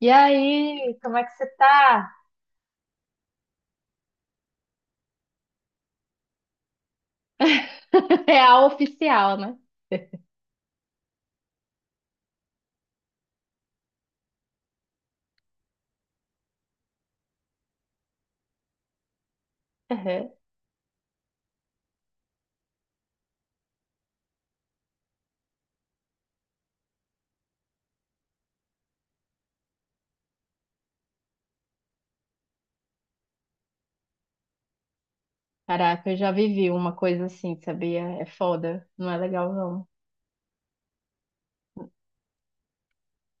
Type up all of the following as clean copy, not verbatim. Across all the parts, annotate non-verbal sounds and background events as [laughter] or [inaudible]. E aí, como é que você tá? [laughs] É a oficial, né? Uhum. Caraca, eu já vivi uma coisa assim, sabia? É foda, não é legal não.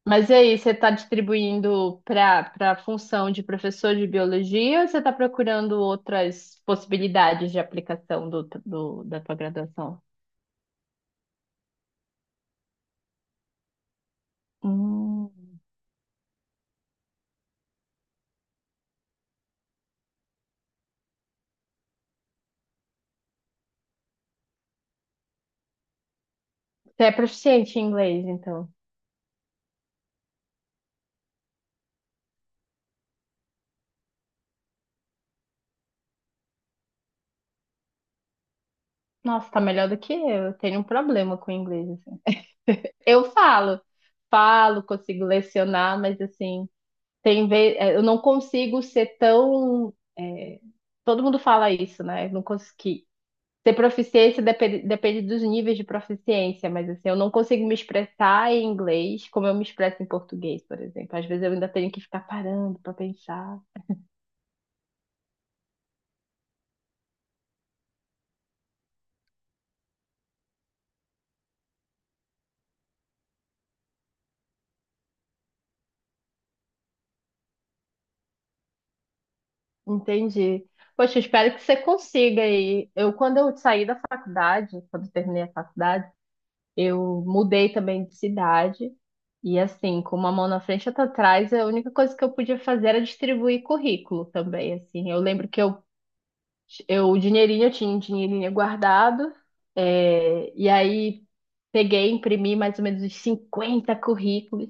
Mas e aí, você tá distribuindo para a função de professor de biologia ou você tá procurando outras possibilidades de aplicação da tua graduação? Hum, você é proficiente em inglês, então. Nossa, tá melhor do que eu. Eu tenho um problema com inglês, assim. Eu falo, falo, consigo lecionar, mas assim, tem vez, eu não consigo ser tão. Todo mundo fala isso, né? Eu não consegui ter proficiência. Depende, depende dos níveis de proficiência, mas assim, eu não consigo me expressar em inglês como eu me expresso em português, por exemplo. Às vezes eu ainda tenho que ficar parando para pensar. Entendi. Poxa, eu espero que você consiga aí. Eu, quando eu saí da faculdade, Quando eu terminei a faculdade, eu mudei também de cidade. E assim, com uma mão na frente e outra atrás, a única coisa que eu podia fazer era distribuir currículo também, assim. Eu lembro que eu o dinheirinho, Eu tinha um dinheirinho guardado, e aí peguei, imprimi mais ou menos uns 50 currículos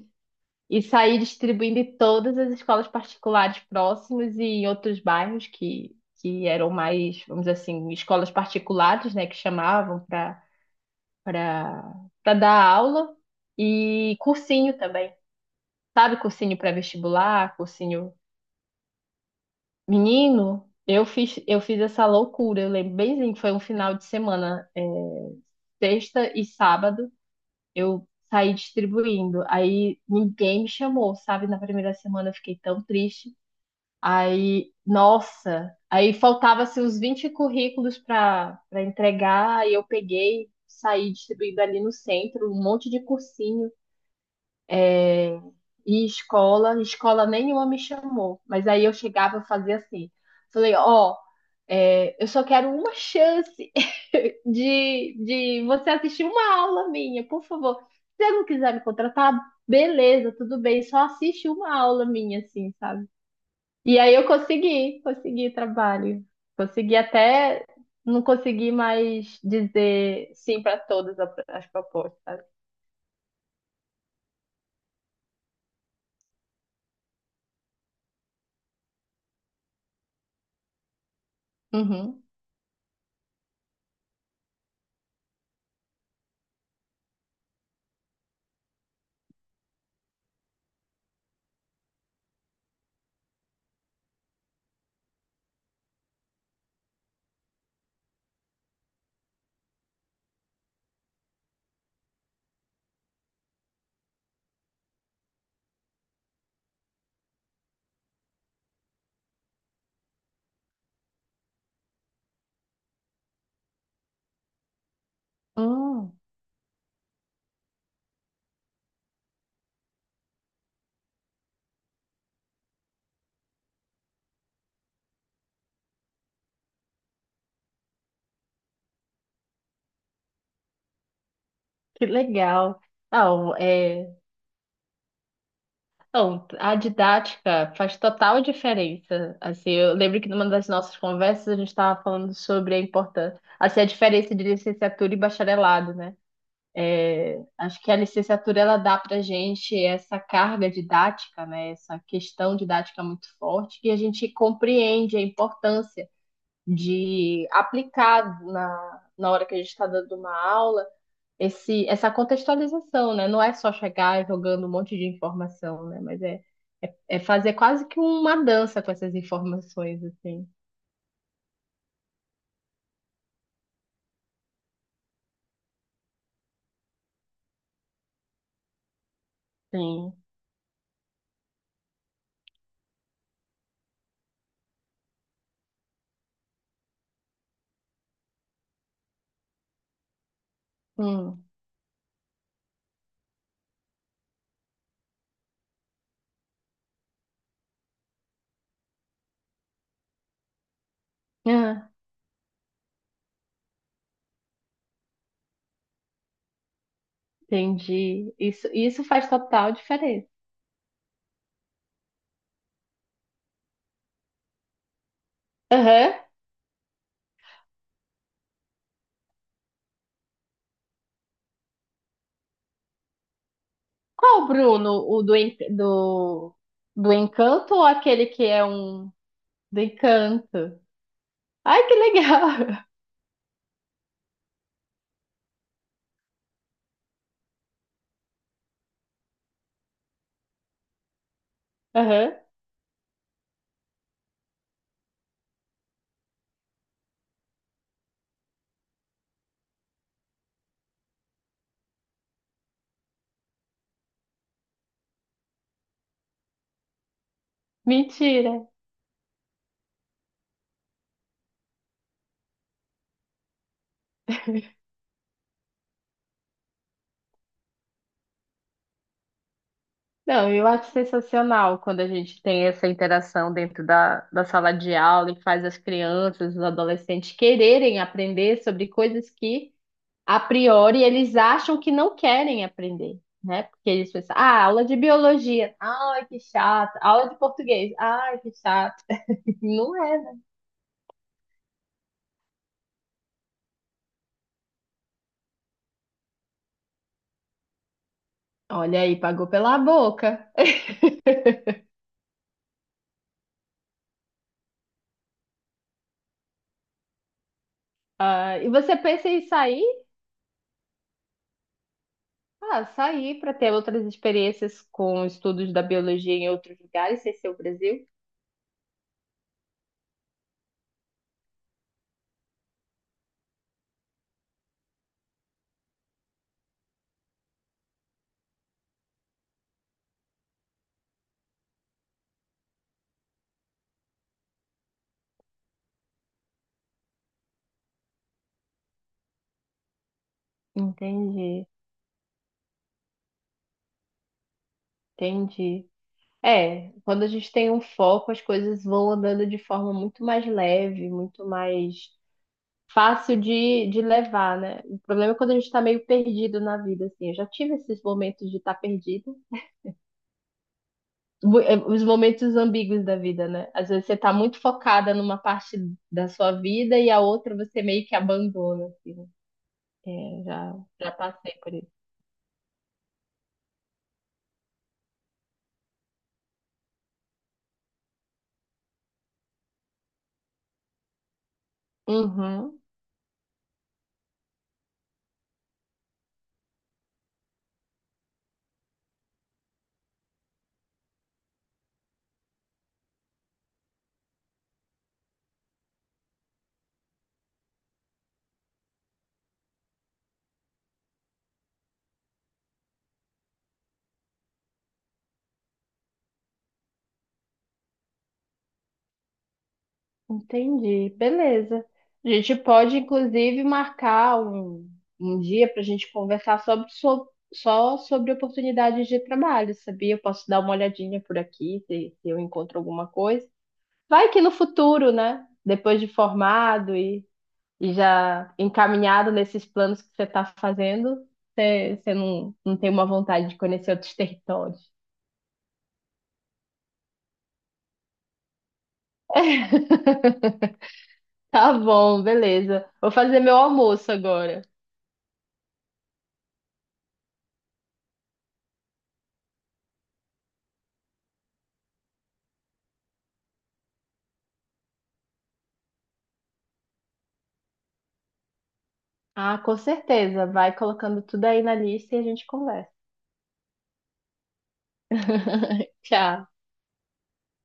e saí distribuindo em todas as escolas particulares próximas e em outros bairros que eram mais, vamos dizer assim, escolas particulares, né, que chamavam para para dar aula e cursinho também. Sabe, cursinho pré-vestibular, cursinho menino, eu fiz essa loucura, eu lembro bemzinho, que foi um final de semana, sexta e sábado, eu saí distribuindo. Aí ninguém me chamou, sabe? Na primeira semana eu fiquei tão triste. Aí, nossa, aí faltava assim, uns 20 currículos para entregar, aí eu peguei, saí distribuindo ali no centro, um monte de cursinho. E escola nenhuma me chamou. Mas aí eu chegava e fazia assim. Falei, ó, eu só quero uma chance [laughs] de você assistir uma aula minha, por favor. Se você não quiser me contratar, beleza, tudo bem, só assiste uma aula minha, assim, sabe? E aí eu consegui trabalho. Consegui até, não consegui mais dizer sim para as propostas, sabe? Uhum. Hum, que legal. Não, é. Então, a didática faz total diferença. Assim, eu lembro que numa das nossas conversas a gente estava falando sobre a importância, assim, a diferença de licenciatura e bacharelado, né? É, acho que a licenciatura ela dá para gente essa carga didática, né? Essa questão didática muito forte que a gente compreende a importância de aplicar na hora que a gente está dando uma aula esse, essa contextualização, né? Não é só chegar jogando um monte de informação, né? Mas é fazer quase que uma dança com essas informações, assim. Sim. Hum. Ah, entendi. Isso faz total diferença. Aham. Qual, Bruno? O do, en- do, Do Encanto ou aquele que é um do Encanto? Ai, que legal! [laughs] Aham. Mentira. Não, eu acho sensacional quando a gente tem essa interação dentro da sala de aula e faz as crianças, os adolescentes quererem aprender sobre coisas que a priori, eles acham que não querem aprender, né? Porque eles pensam, ah, aula de biologia, ai, que chato. Aula de português, ai, que chato. [laughs] Não é, né? Olha aí, pagou pela boca. Ah, e você pensa em sair? Ah, sair para ter outras experiências com estudos da biologia em outros lugares, sem ser o Brasil? Entendi, entendi. É, quando a gente tem um foco, as coisas vão andando de forma muito mais leve, muito mais fácil de levar, né? O problema é quando a gente tá meio perdido na vida, assim. Eu já tive esses momentos de estar tá perdido, os momentos ambíguos da vida, né? Às vezes você tá muito focada numa parte da sua vida e a outra você meio que abandona, assim. Né? É, já, já passei por isso. Uhum. Entendi, beleza. A gente pode, inclusive, marcar um dia para a gente conversar sobre, só sobre oportunidades de trabalho, sabia? Eu posso dar uma olhadinha por aqui, se eu encontro alguma coisa. Vai que no futuro, né? Depois de formado e já encaminhado nesses planos que você está fazendo, você não tem uma vontade de conhecer outros [laughs] territórios. Tá bom, beleza. Vou fazer meu almoço agora. Ah, com certeza. Vai colocando tudo aí na lista e a gente conversa. [laughs] Tchau.